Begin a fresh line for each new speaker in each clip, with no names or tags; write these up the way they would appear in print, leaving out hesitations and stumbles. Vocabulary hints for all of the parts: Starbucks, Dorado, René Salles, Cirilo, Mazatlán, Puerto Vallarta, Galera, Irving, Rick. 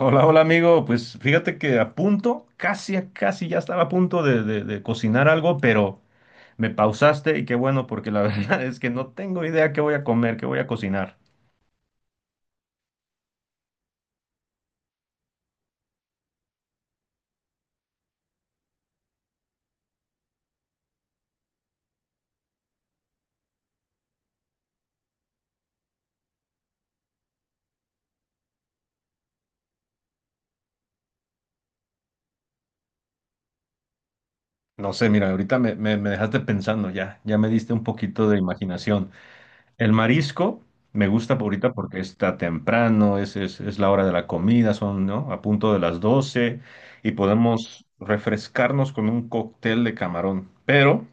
Hola, hola amigo. Pues fíjate que a punto, casi, a casi ya estaba a punto de cocinar algo, pero me pausaste y qué bueno, porque la verdad es que no tengo idea qué voy a comer, qué voy a cocinar. No sé, mira, ahorita me dejaste pensando ya, ya me diste un poquito de imaginación. El marisco me gusta por ahorita porque está temprano, es la hora de la comida, son, ¿no? A punto de las 12 y podemos refrescarnos con un cóctel de camarón, pero…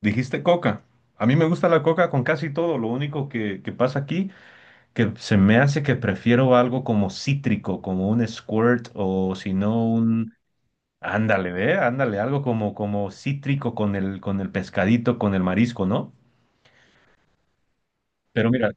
Dijiste coca. A mí me gusta la coca con casi todo. Lo único que pasa aquí, que se me hace que prefiero algo como cítrico, como un squirt o si no un… Ándale, ve, ándale, algo como, como cítrico con el pescadito, con el marisco, ¿no? Pero mira,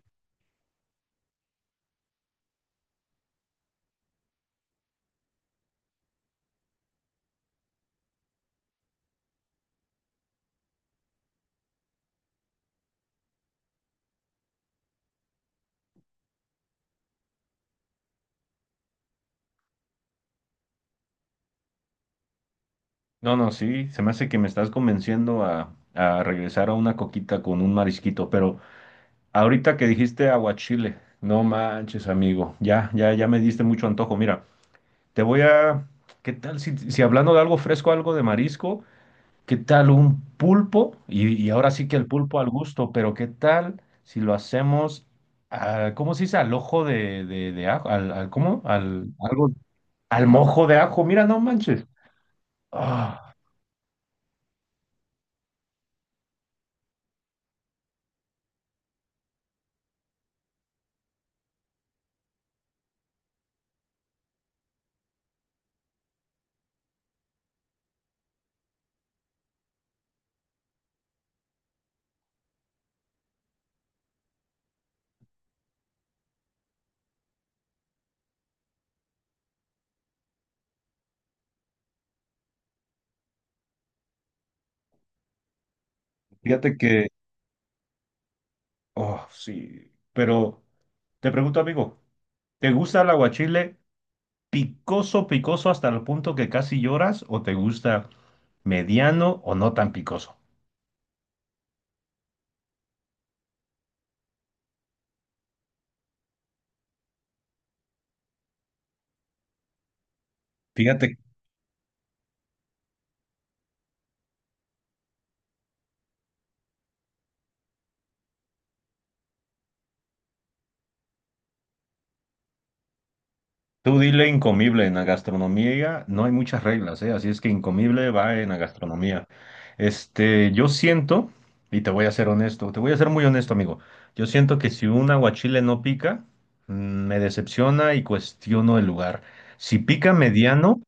no, no, sí, se me hace que me estás convenciendo a regresar a una coquita con un marisquito, pero ahorita que dijiste aguachile, no manches, amigo, ya, ya, ya me diste mucho antojo, mira. Te voy a… ¿Qué tal si hablando de algo fresco, algo de marisco? ¿Qué tal un pulpo? Y ahora sí que el pulpo al gusto, pero ¿qué tal si lo hacemos, a- ¿cómo se dice? Al ojo de ajo, al, al- ¿cómo? Al, algo, al mojo de ajo, mira, no manches. Ah, fíjate que, oh, sí, pero te pregunto, amigo, ¿te gusta el aguachile picoso, picoso hasta el punto que casi lloras o te gusta mediano o no tan picoso? Fíjate. Tú dile incomible, en la gastronomía no hay muchas reglas, ¿eh? Así es que incomible va en la gastronomía. Este, yo siento, y te voy a ser honesto, te voy a ser muy honesto, amigo. Yo siento que si un aguachile no pica, me decepciona y cuestiono el lugar. Si pica mediano,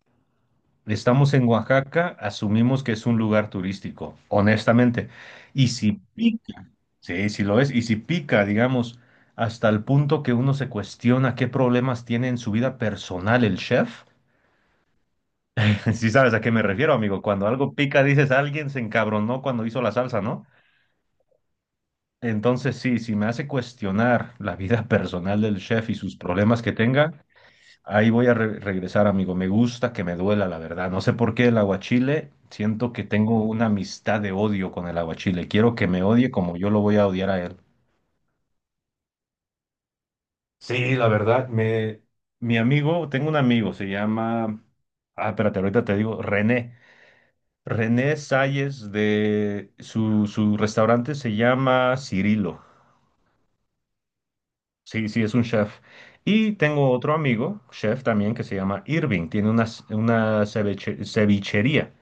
estamos en Oaxaca, asumimos que es un lugar turístico, honestamente. Y si pica, sí, sí lo es, y si pica, digamos, hasta el punto que uno se cuestiona qué problemas tiene en su vida personal el chef. Sí sabes a qué me refiero, amigo. Cuando algo pica, dices, alguien se encabronó cuando hizo la salsa, ¿no? Entonces, sí, si me hace cuestionar la vida personal del chef y sus problemas que tenga. Ahí voy a re- regresar, amigo. Me gusta que me duela, la verdad. No sé por qué el aguachile. Siento que tengo una amistad de odio con el aguachile. Quiero que me odie como yo lo voy a odiar a él. Sí, la verdad, me… Mi amigo, tengo un amigo, se llama… Ah, espérate, ahorita te digo, René. René Salles de… Su restaurante se llama Cirilo. Sí, sí, es un chef. Y tengo otro amigo, chef también, que se llama Irving. Tiene una ceviche- cevichería.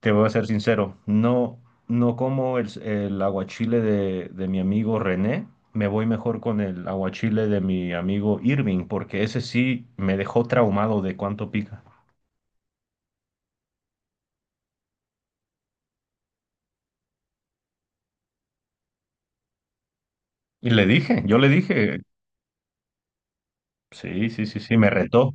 Te voy a ser sincero, no, no como el aguachile de mi amigo René, me voy mejor con el aguachile de mi amigo Irving, porque ese sí me dejó traumado de cuánto pica. Y le dije, yo le dije, sí, sí, sí, sí, me retó.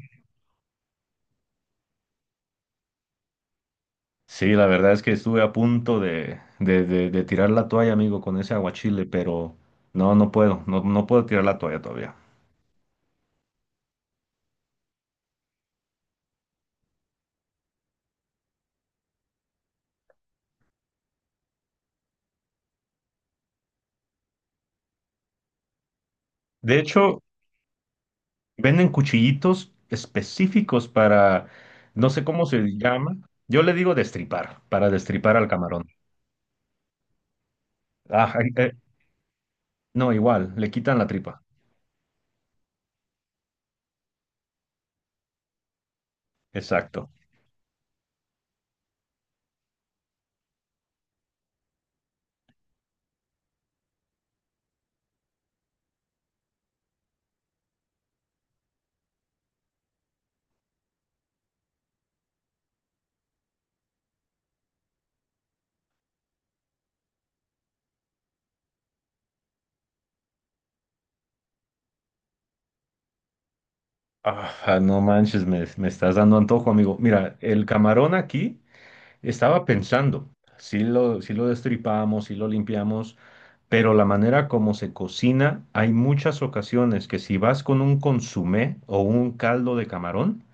Sí, la verdad es que estuve a punto de tirar la toalla, amigo, con ese aguachile, pero no, no puedo, no, no puedo tirar la toalla todavía. De hecho, venden cuchillitos específicos para, no sé cómo se llama. Yo le digo destripar, para destripar al camarón. Ah, ay, no, igual, le quitan la tripa. Exacto. Ah, no manches, me estás dando antojo, amigo. Mira, el camarón aquí… Estaba pensando, si lo destripamos, si lo limpiamos, pero la manera como se cocina, hay muchas ocasiones que si vas con un consomé o un caldo de camarón,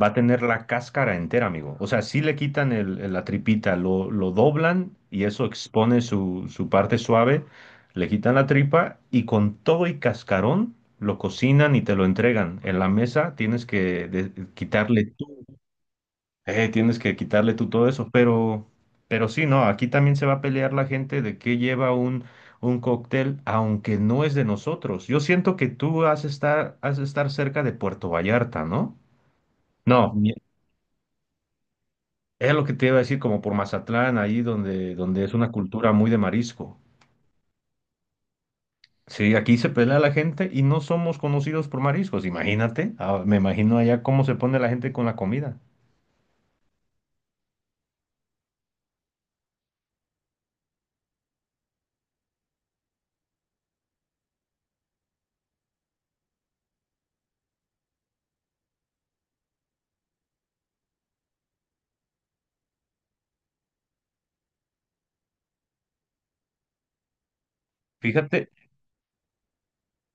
va a tener la cáscara entera, amigo. O sea, si le quitan el- la tripita, lo doblan y eso expone su, su parte suave, le quitan la tripa y con todo y cascarón lo cocinan y te lo entregan. En la mesa tienes que de- quitarle tienes que quitarle tú todo eso, pero sí, no, aquí también se va a pelear la gente de qué lleva un cóctel, aunque no es de nosotros. Yo siento que tú has de estar cerca de Puerto Vallarta, ¿no? No, bien. Es lo que te iba a decir, como por Mazatlán, ahí donde, donde es una cultura muy de marisco. Sí, aquí se pelea la gente y no somos conocidos por mariscos, imagínate, ah, me imagino allá cómo se pone la gente con la comida. Fíjate,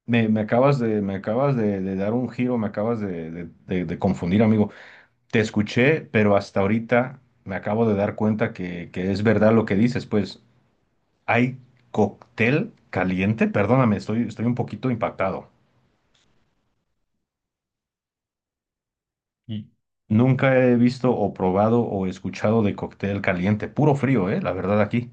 me acabas de dar un giro, me acabas de confundir, amigo. Te escuché, pero hasta ahorita me acabo de dar cuenta que es verdad lo que dices. Pues, ¿hay cóctel caliente? Perdóname, estoy, estoy un poquito impactado. Y nunca he visto o probado o escuchado de cóctel caliente, puro frío, ¿eh? La verdad aquí.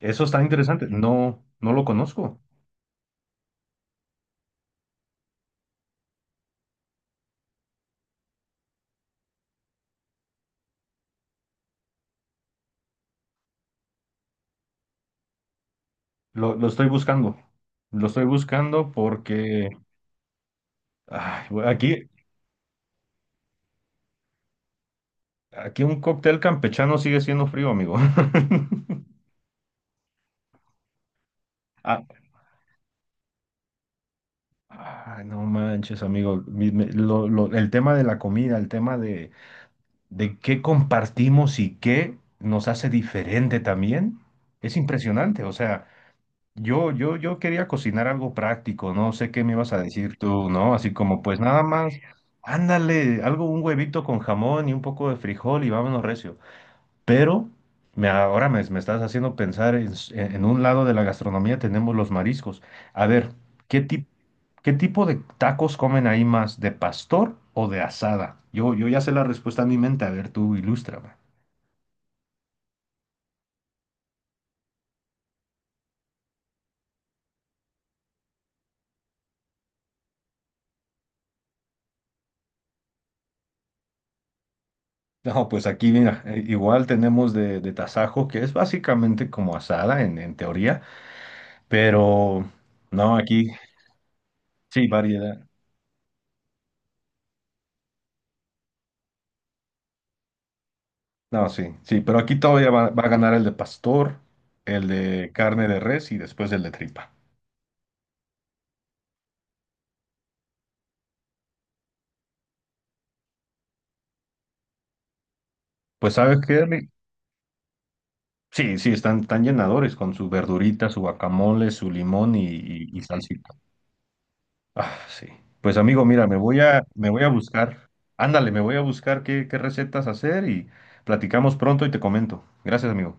Eso está interesante. No, no lo conozco. Lo estoy buscando. Lo estoy buscando porque ay, güey, aquí, aquí un cóctel campechano sigue siendo frío, amigo. Ah, ay, no manches, amigo. Mi- me- lo- el tema de la comida, el tema de qué compartimos y qué nos hace diferente también, es impresionante. O sea, yo quería cocinar algo práctico, no sé qué me ibas a decir tú, ¿no? Así como, pues nada más, ándale, algo, un huevito con jamón y un poco de frijol y vámonos recio. Pero me, ahora me estás haciendo pensar en, s- en un lado de la gastronomía tenemos los mariscos. A ver, ¿qué ti- qué tipo de tacos comen ahí más? ¿De pastor o de asada? Yo ya sé la respuesta en mi mente. A ver, tú ilústrame. No, pues aquí mira, igual tenemos de tasajo, que es básicamente como asada en teoría, pero no, aquí sí, variedad. No, sí, sí, pero aquí todavía va, va a ganar el de pastor, el de carne de res y después el de tripa. Pues ¿sabes qué, Rick? Sí, sí, están tan llenadores con su verdurita, su guacamole, su limón y salsita. Ah, sí. Pues amigo, mira, me voy a buscar. Ándale, me voy a buscar qué, qué recetas hacer y platicamos pronto y te comento. Gracias, amigo.